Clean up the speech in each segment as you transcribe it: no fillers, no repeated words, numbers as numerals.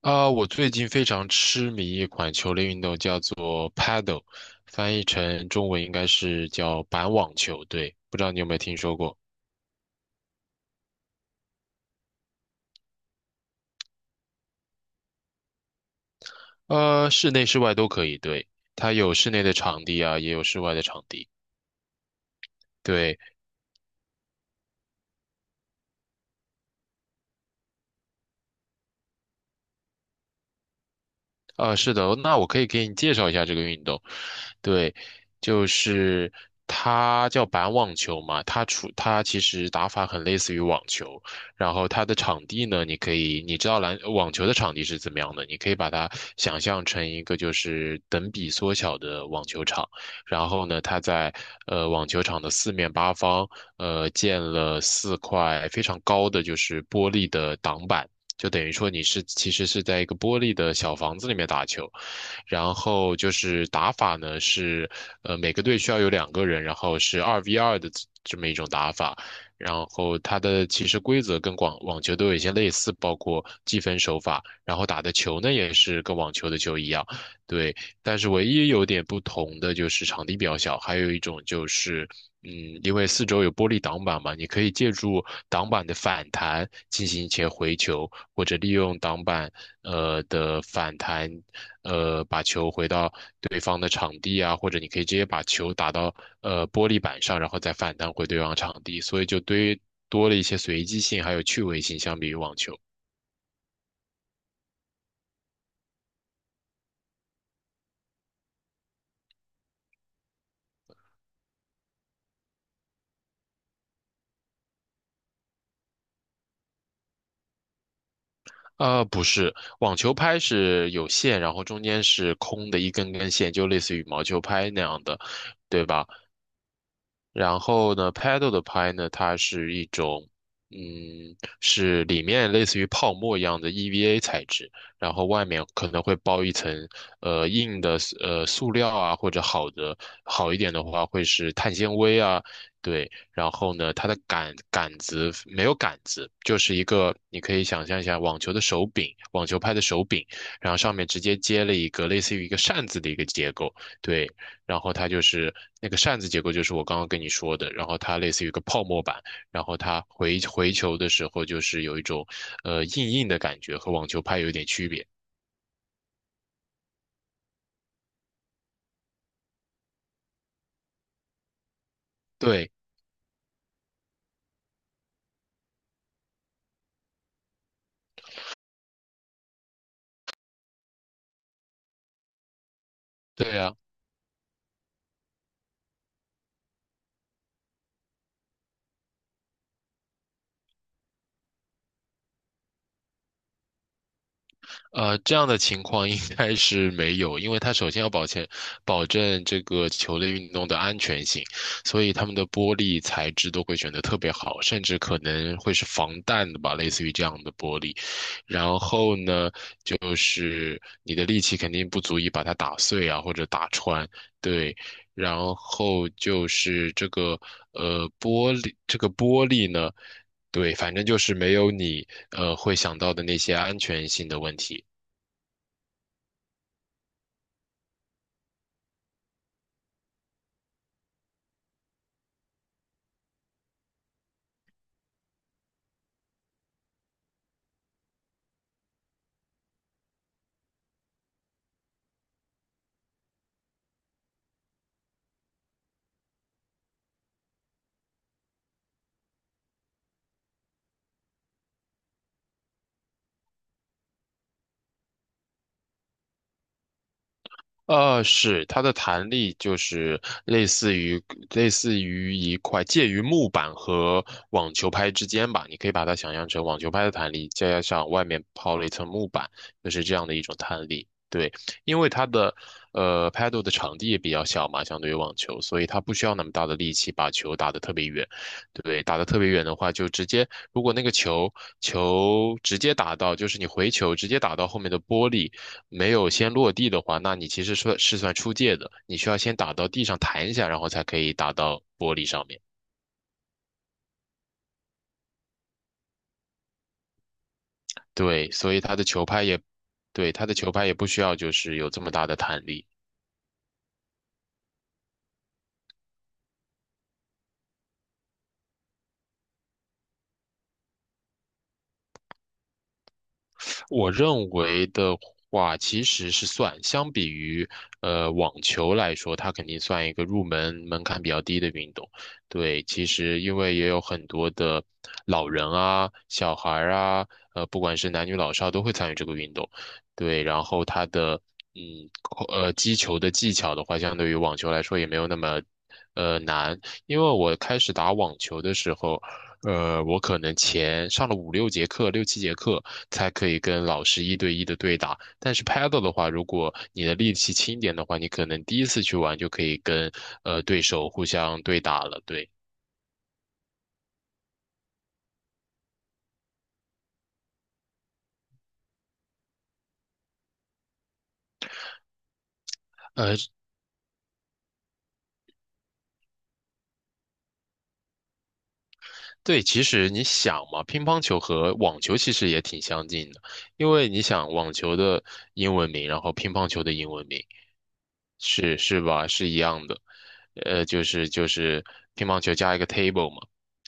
啊，我最近非常痴迷一款球类运动，叫做 Paddle，翻译成中文应该是叫板网球，对，不知道你有没有听说过？室内室外都可以，对，它有室内的场地啊，也有室外的场地，对。啊，是的，那我可以给你介绍一下这个运动。对，就是它叫板网球嘛，它其实打法很类似于网球，然后它的场地呢，你可以你知道篮网球的场地是怎么样的，你可以把它想象成一个就是等比缩小的网球场，然后呢，它在网球场的四面八方建了四块非常高的就是玻璃的挡板。就等于说你是其实是在一个玻璃的小房子里面打球，然后就是打法呢是，每个队需要有两个人，然后是二 v 二的这么一种打法。然后它的其实规则跟广网球都有一些类似，包括计分手法，然后打的球呢也是跟网球的球一样，对。但是唯一有点不同的就是场地比较小，还有一种就是，嗯，因为四周有玻璃挡板嘛，你可以借助挡板的反弹进行一些回球，或者利用挡板的反弹把球回到对方的场地啊，或者你可以直接把球打到玻璃板上，然后再反弹回对方场地，所以就堆多了一些随机性还有趣味性，相比于网球。不是，网球拍是有线，然后中间是空的一根根线，就类似于羽毛球拍那样的，对吧？然后呢，paddle 的拍呢，它是一种，嗯，是里面类似于泡沫一样的 EVA 材质，然后外面可能会包一层硬的塑料啊，或者好一点的话会是碳纤维啊，对。然后呢，它的杆子没有杆子，就是一个你可以想象一下网球的手柄，网球拍的手柄，然后上面直接接了一个类似于一个扇子的一个结构，对。然后它就是那个扇子结构，就是我刚刚跟你说的，然后它类似于一个泡沫板，然后它回球的时候就是有一种硬硬的感觉，和网球拍有一点区别。对对呀。这样的情况应该是没有，因为它首先要保证这个球类运动的安全性，所以他们的玻璃材质都会选得特别好，甚至可能会是防弹的吧，类似于这样的玻璃。然后呢，就是你的力气肯定不足以把它打碎啊，或者打穿，对。然后就是这个玻璃，这个玻璃呢。对，反正就是没有你会想到的那些安全性的问题。是，它的弹力就是类似于类似于一块介于木板和网球拍之间吧，你可以把它想象成网球拍的弹力，加上外面抛了一层木板，就是这样的一种弹力。对，因为它的paddle 的场地也比较小嘛，相对于网球，所以它不需要那么大的力气把球打得特别远。对，打得特别远的话，就直接如果那个球直接打到，就是你回球直接打到后面的玻璃。没有先落地的话，那你其实算出界的，你需要先打到地上弹一下，然后才可以打到玻璃上面。对，所以他的球拍也，对，他的球拍也不需要就是有这么大的弹力。我认为的话，其实是算，相比于网球来说，它肯定算一个入门门槛比较低的运动。对，其实因为也有很多的老人啊、小孩儿啊，不管是男女老少都会参与这个运动。对，然后它的嗯扣呃击球的技巧的话，相对于网球来说也没有那么难，因为我开始打网球的时候。我可能前上了5、6节课、6、7节课，才可以跟老师一对一的对打。但是 Paddle 的话，如果你的力气轻一点的话，你可能第一次去玩就可以跟对手互相对打了。对，呃，对，其实你想嘛，乒乓球和网球其实也挺相近的，因为你想网球的英文名，然后乒乓球的英文名是吧？是一样的，就是乒乓球加一个 table 嘛，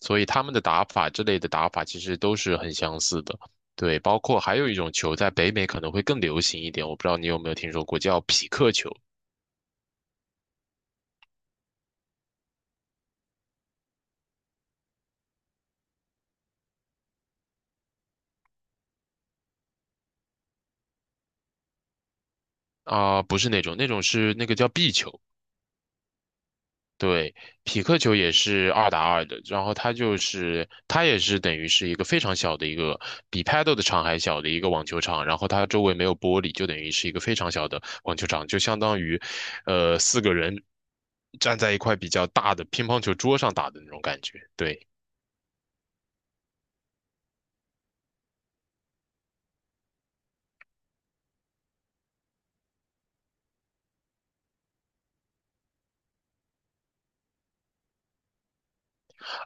所以他们的打法之类的打法其实都是很相似的。对，包括还有一种球在北美可能会更流行一点，我不知道你有没有听说过，叫匹克球啊、不是那种，那种是那个叫壁球。对，匹克球也是二打二的，然后它也是等于是一个非常小的一个，比 Paddle 的场还小的一个网球场，然后它周围没有玻璃，就等于是一个非常小的网球场，就相当于，四个人站在一块比较大的乒乓球桌上打的那种感觉。对，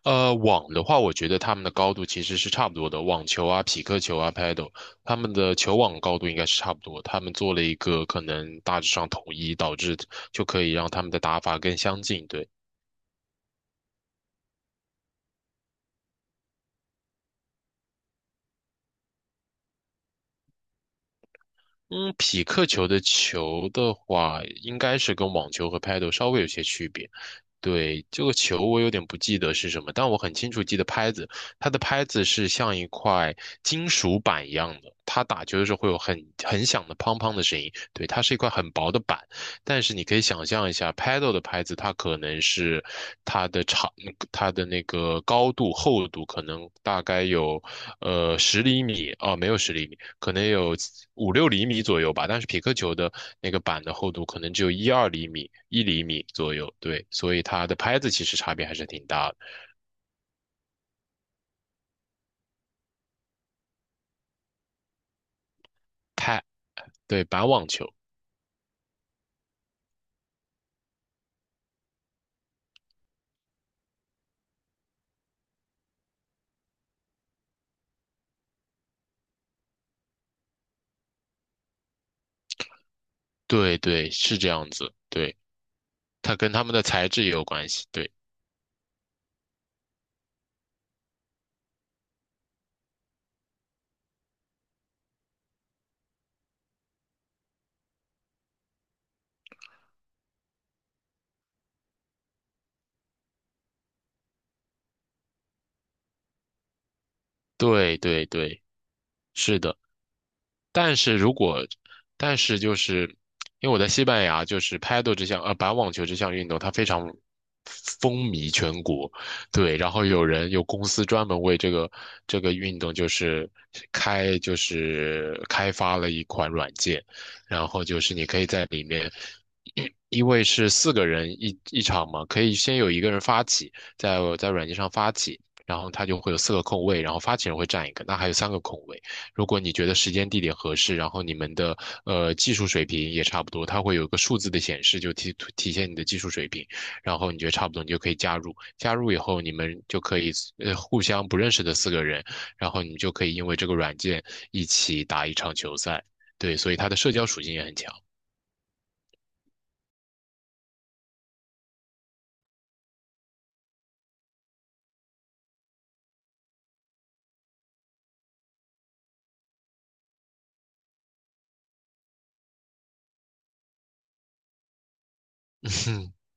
网的话，我觉得他们的高度其实是差不多的，网球啊、匹克球啊、paddle，他们的球网高度应该是差不多。他们做了一个可能大致上统一，导致就可以让他们的打法更相近。对。嗯，匹克球的球的话，应该是跟网球和拍 a 稍微有些区别。对，这个球我有点不记得是什么，但我很清楚记得拍子，它的拍子是像一块金属板一样的，它打球的时候会有很响的砰砰的声音。对，它是一块很薄的板，但是你可以想象一下，Paddle 的拍子，它可能是它的长，它的那个高度、厚度可能大概有十厘米哦，没有十厘米，可能有5、6厘米左右吧。但是匹克球的那个板的厚度可能只有1、2厘米、1厘米左右，对，所以它的拍子其实差别还是挺大的。拍，对，板网球，对对，是这样子，对，它跟它们的材质也有关系，对对对对，是的。但是如果，但是，因为我在西班牙，就是拍 a 这项板网球这项运动，它非常风靡全国，对，然后有公司专门为这个运动就是开发了一款软件，然后就是你可以在里面。因为是四个人一场嘛，可以先有一个人发起，在软件上发起，然后他就会有四个空位，然后发起人会占一个，那还有三个空位，如果你觉得时间地点合适，然后你们的技术水平也差不多，它会有一个数字的显示，就体现你的技术水平。然后你觉得差不多，你就可以加入。加入以后，你们就可以互相不认识的四个人，然后你们就可以因为这个软件一起打一场球赛。对，所以它的社交属性也很强。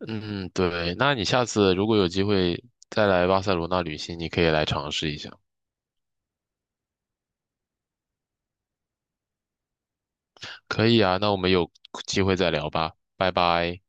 嗯嗯，对，那你下次如果有机会再来巴塞罗那旅行，你可以来尝试一下。可以啊，那我们有机会再聊吧，拜拜。